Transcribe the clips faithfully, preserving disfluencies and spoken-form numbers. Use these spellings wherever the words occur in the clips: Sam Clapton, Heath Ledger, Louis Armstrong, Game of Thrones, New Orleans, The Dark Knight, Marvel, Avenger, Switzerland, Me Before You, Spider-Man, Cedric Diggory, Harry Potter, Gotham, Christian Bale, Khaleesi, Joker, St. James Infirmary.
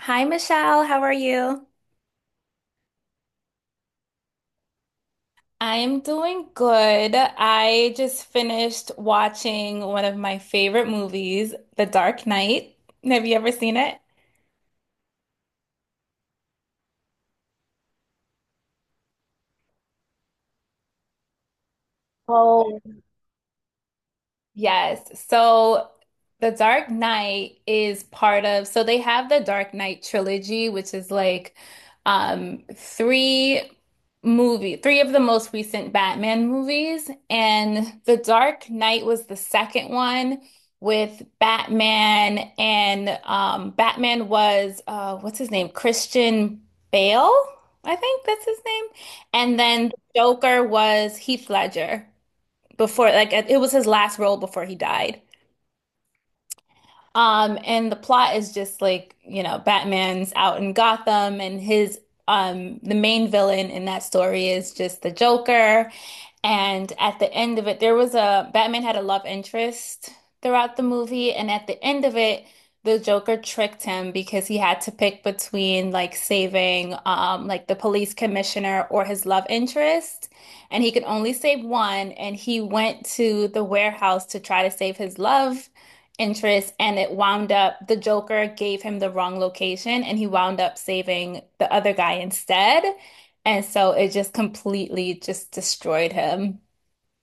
Hi, Michelle. How are you? I'm doing good. I just finished watching one of my favorite movies, The Dark Knight. Have you ever seen it? Oh. Yes. So the Dark Knight is part of, so they have the Dark Knight trilogy, which is like um three movie, three of the most recent Batman movies. And The Dark Knight was the second one with Batman. And um Batman was uh what's his name? Christian Bale, I think that's his name. And then Joker was Heath Ledger before, like, it was his last role before he died. Um, and the plot is just, like, you know, Batman's out in Gotham and his um the main villain in that story is just the Joker. And at the end of it, there was a Batman Had a love interest throughout the movie. And at the end of it, the Joker tricked him because he had to pick between, like, saving um like the police commissioner or his love interest. And he could only save one. And he went to the warehouse to try to save his love interest. And it wound up the Joker gave him the wrong location and he wound up saving the other guy instead. And so it just completely just destroyed him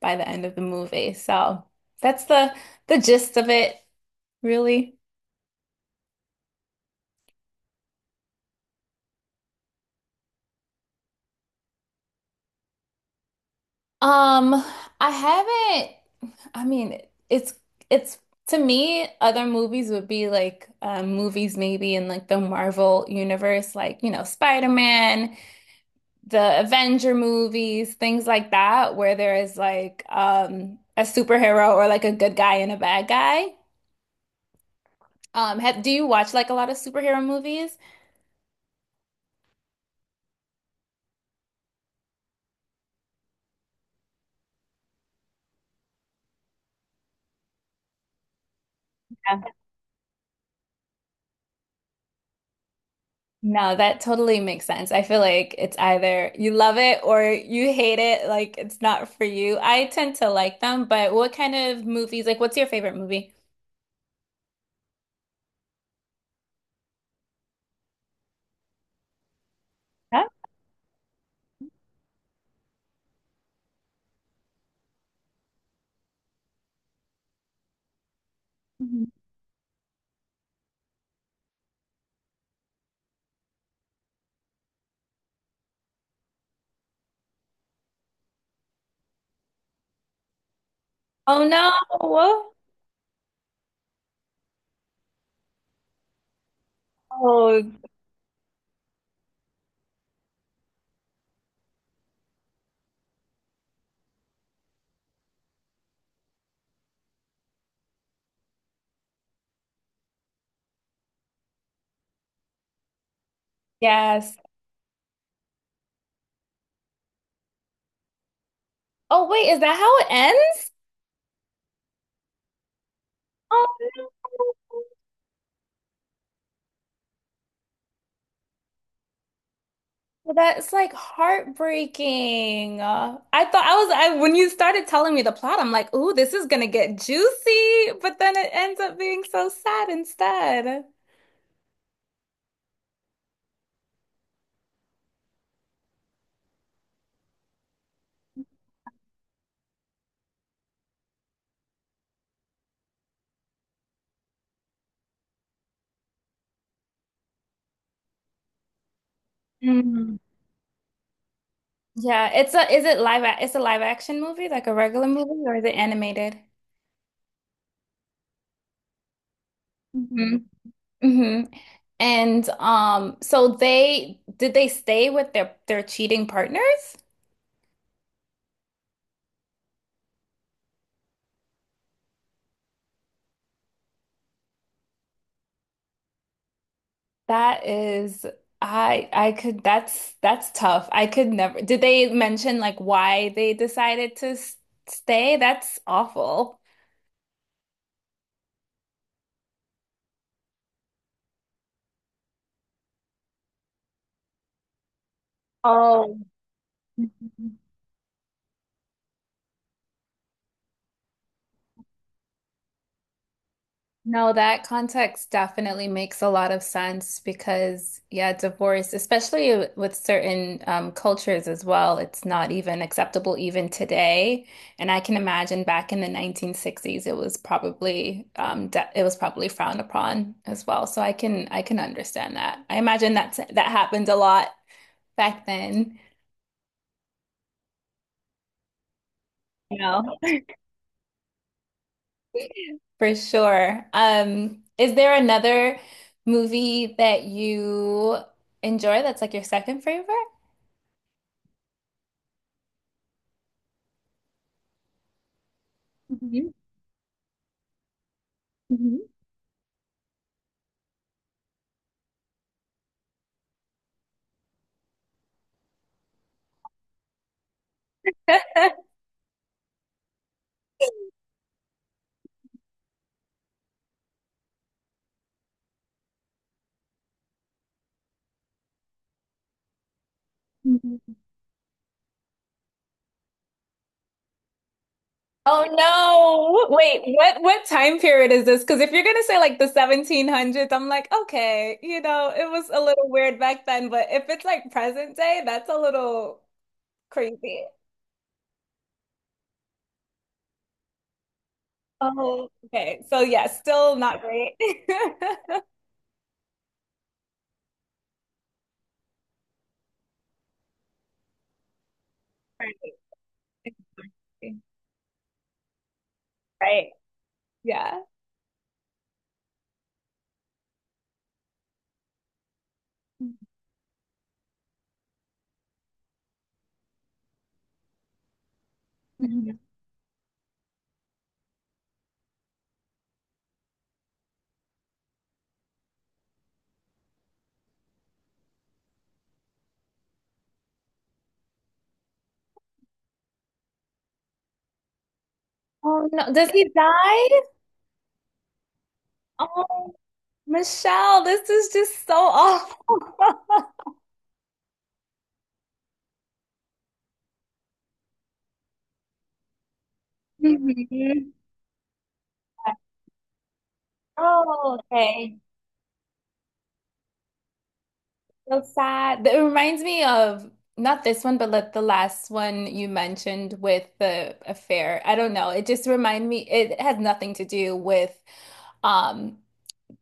by the end of the movie. So that's the the gist of it, really. Um, I haven't, I mean, it's it's to me, other movies would be like uh, movies maybe in like the Marvel universe, like, you know, Spider-Man, the Avenger movies, things like that, where there is like um a superhero or like a good guy and a bad guy. Um, have, do you watch like a lot of superhero movies? Yeah. No, that totally makes sense. I feel like it's either you love it or you hate it, like it's not for you. I tend to like them, but what kind of movies, like what's your favorite movie? Huh? Mhm. Oh no. Oh. Yes. Oh wait, is that how it ends? Oh. That's like heartbreaking. Uh, I thought I was I when you started telling me the plot, I'm like, "Ooh, this is gonna get juicy," but then it ends up being so sad instead. Mm. Yeah, it's a is it live a- it's a live action movie, like a regular movie, or is it animated? Mhm. Hmm. And um, so they did they stay with their their cheating partners? That is, I I could. that's that's tough. I could never. Did they mention like why they decided to s- stay? That's awful. Oh. No, that context definitely makes a lot of sense because, yeah, divorce, especially with certain um, cultures as well, it's not even acceptable even today. And I can imagine back in the nineteen sixties, it was probably um, de it was probably frowned upon as well. So I can I can understand that. I imagine that's that happened a lot back then. You know? For sure. Um, is there another movie that you enjoy that's like your second favorite? Mhm, mhm. Mhm. Oh no. Wait, what what time period is this? Because if you're gonna say like the seventeen hundreds, I'm like, okay, you know, it was a little weird back then, but if it's like present day, that's a little crazy. Oh, okay. So yeah, still not great. Right. Right. Yeah. Oh no, does he die? Oh, Michelle, this is just so awful. Mhm. Oh, okay. So sad. It reminds me of not this one, but like the last one you mentioned with the affair. I don't know. It just reminded me, it has nothing to do with um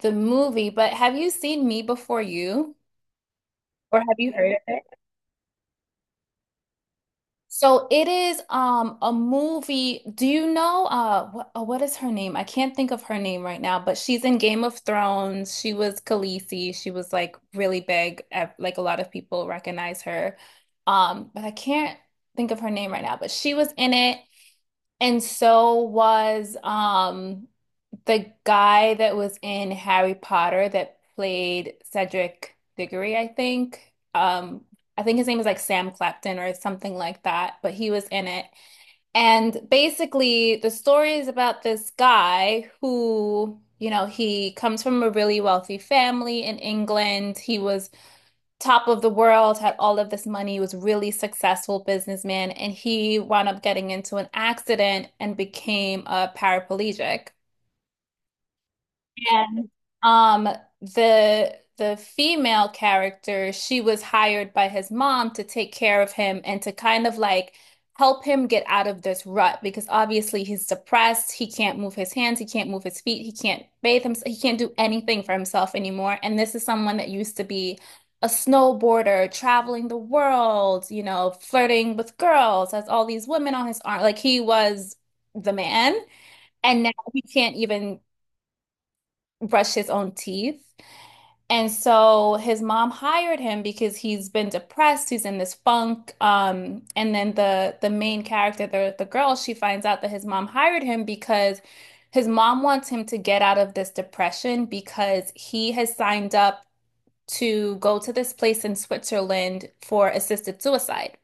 the movie, but have you seen Me Before You? Or have you heard of it? So it is um a movie. Do you know uh what, uh, what is her name? I can't think of her name right now, but she's in Game of Thrones. She was Khaleesi. She was like really big. uh, Like a lot of people recognize her. Um, but I can't think of her name right now, but she was in it. And so was um the guy that was in Harry Potter that played Cedric Diggory, I think. Um, I think his name is like Sam Clapton or something like that, but he was in it. And basically, the story is about this guy who, you know, he comes from a really wealthy family in England. He was top of the world, had all of this money, was really successful businessman, and he wound up getting into an accident and became a paraplegic. Um, the the female character, she was hired by his mom to take care of him and to kind of like help him get out of this rut because obviously he's depressed, he can't move his hands, he can't move his feet, he can't bathe himself, he can't do anything for himself anymore. And this is someone that used to be a snowboarder, traveling the world, you know, flirting with girls, has all these women on his arm. Like, he was the man, and now he can't even brush his own teeth. And so his mom hired him because he's been depressed, he's in this funk. Um, and then the the main character, the the girl, she finds out that his mom hired him because his mom wants him to get out of this depression because he has signed up to go to this place in Switzerland for assisted suicide.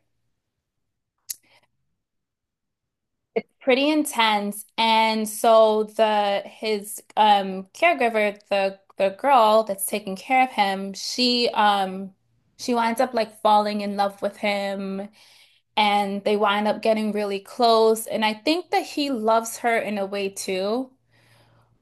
It's pretty intense. And so the his um caregiver, the the girl that's taking care of him, she um she winds up like falling in love with him and they wind up getting really close. And I think that he loves her in a way too.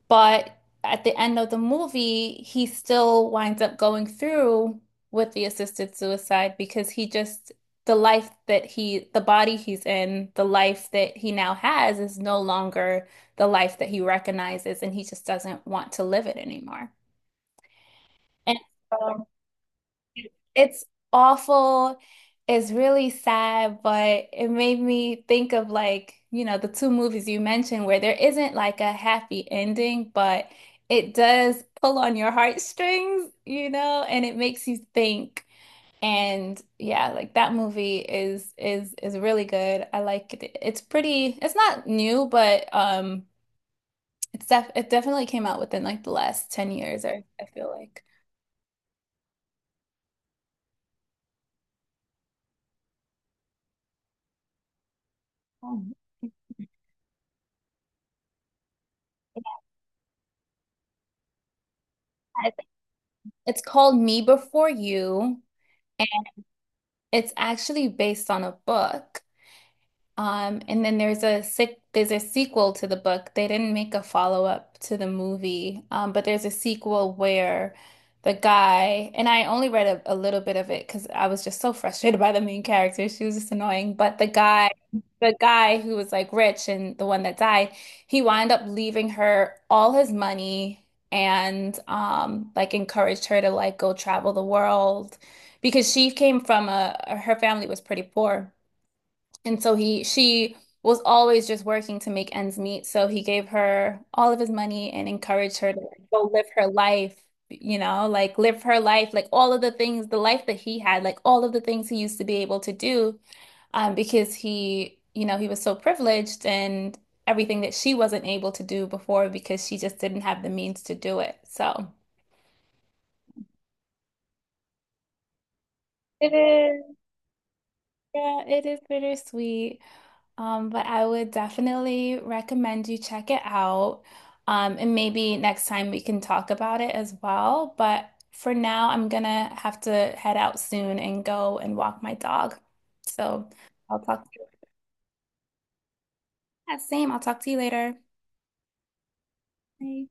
But at the end of the movie, he still winds up going through with the assisted suicide because he just, the life that he, the body he's in, the life that he now has is no longer the life that he recognizes and he just doesn't want to live it anymore. And so it's awful. It's really sad, but it made me think of, like, you know, the two movies you mentioned where there isn't like a happy ending, but it does pull on your heartstrings, you know, and it makes you think. And yeah, like that movie is is is really good. I like it. It's pretty, it's not new, but um it's def it definitely came out within like the last ten years, I, I feel like. Oh, it's called Me Before You. It's actually based on a book. Um, and then there's a sick there's a sequel to the book. They didn't make a follow-up to the movie, um, but there's a sequel where the guy. And I only read a, a little bit of it because I was just so frustrated by the main character. She was just annoying. But the guy, the guy who was like rich and the one that died, he wound up leaving her all his money and um, like encouraged her to like go travel the world because she came from a her family was pretty poor. And so he she was always just working to make ends meet. So he gave her all of his money and encouraged her to like, go live her life, you know, like live her life, like all of the things, the life that he had, like all of the things he used to be able to do, um, because he, you know, he was so privileged and everything that she wasn't able to do before because she just didn't have the means to do it. So it is, yeah, it is bittersweet. Um, but I would definitely recommend you check it out. Um, and maybe next time we can talk about it as well. But for now, I'm gonna have to head out soon and go and walk my dog. So I'll talk to you. Yeah, same. I'll talk to you later. Bye.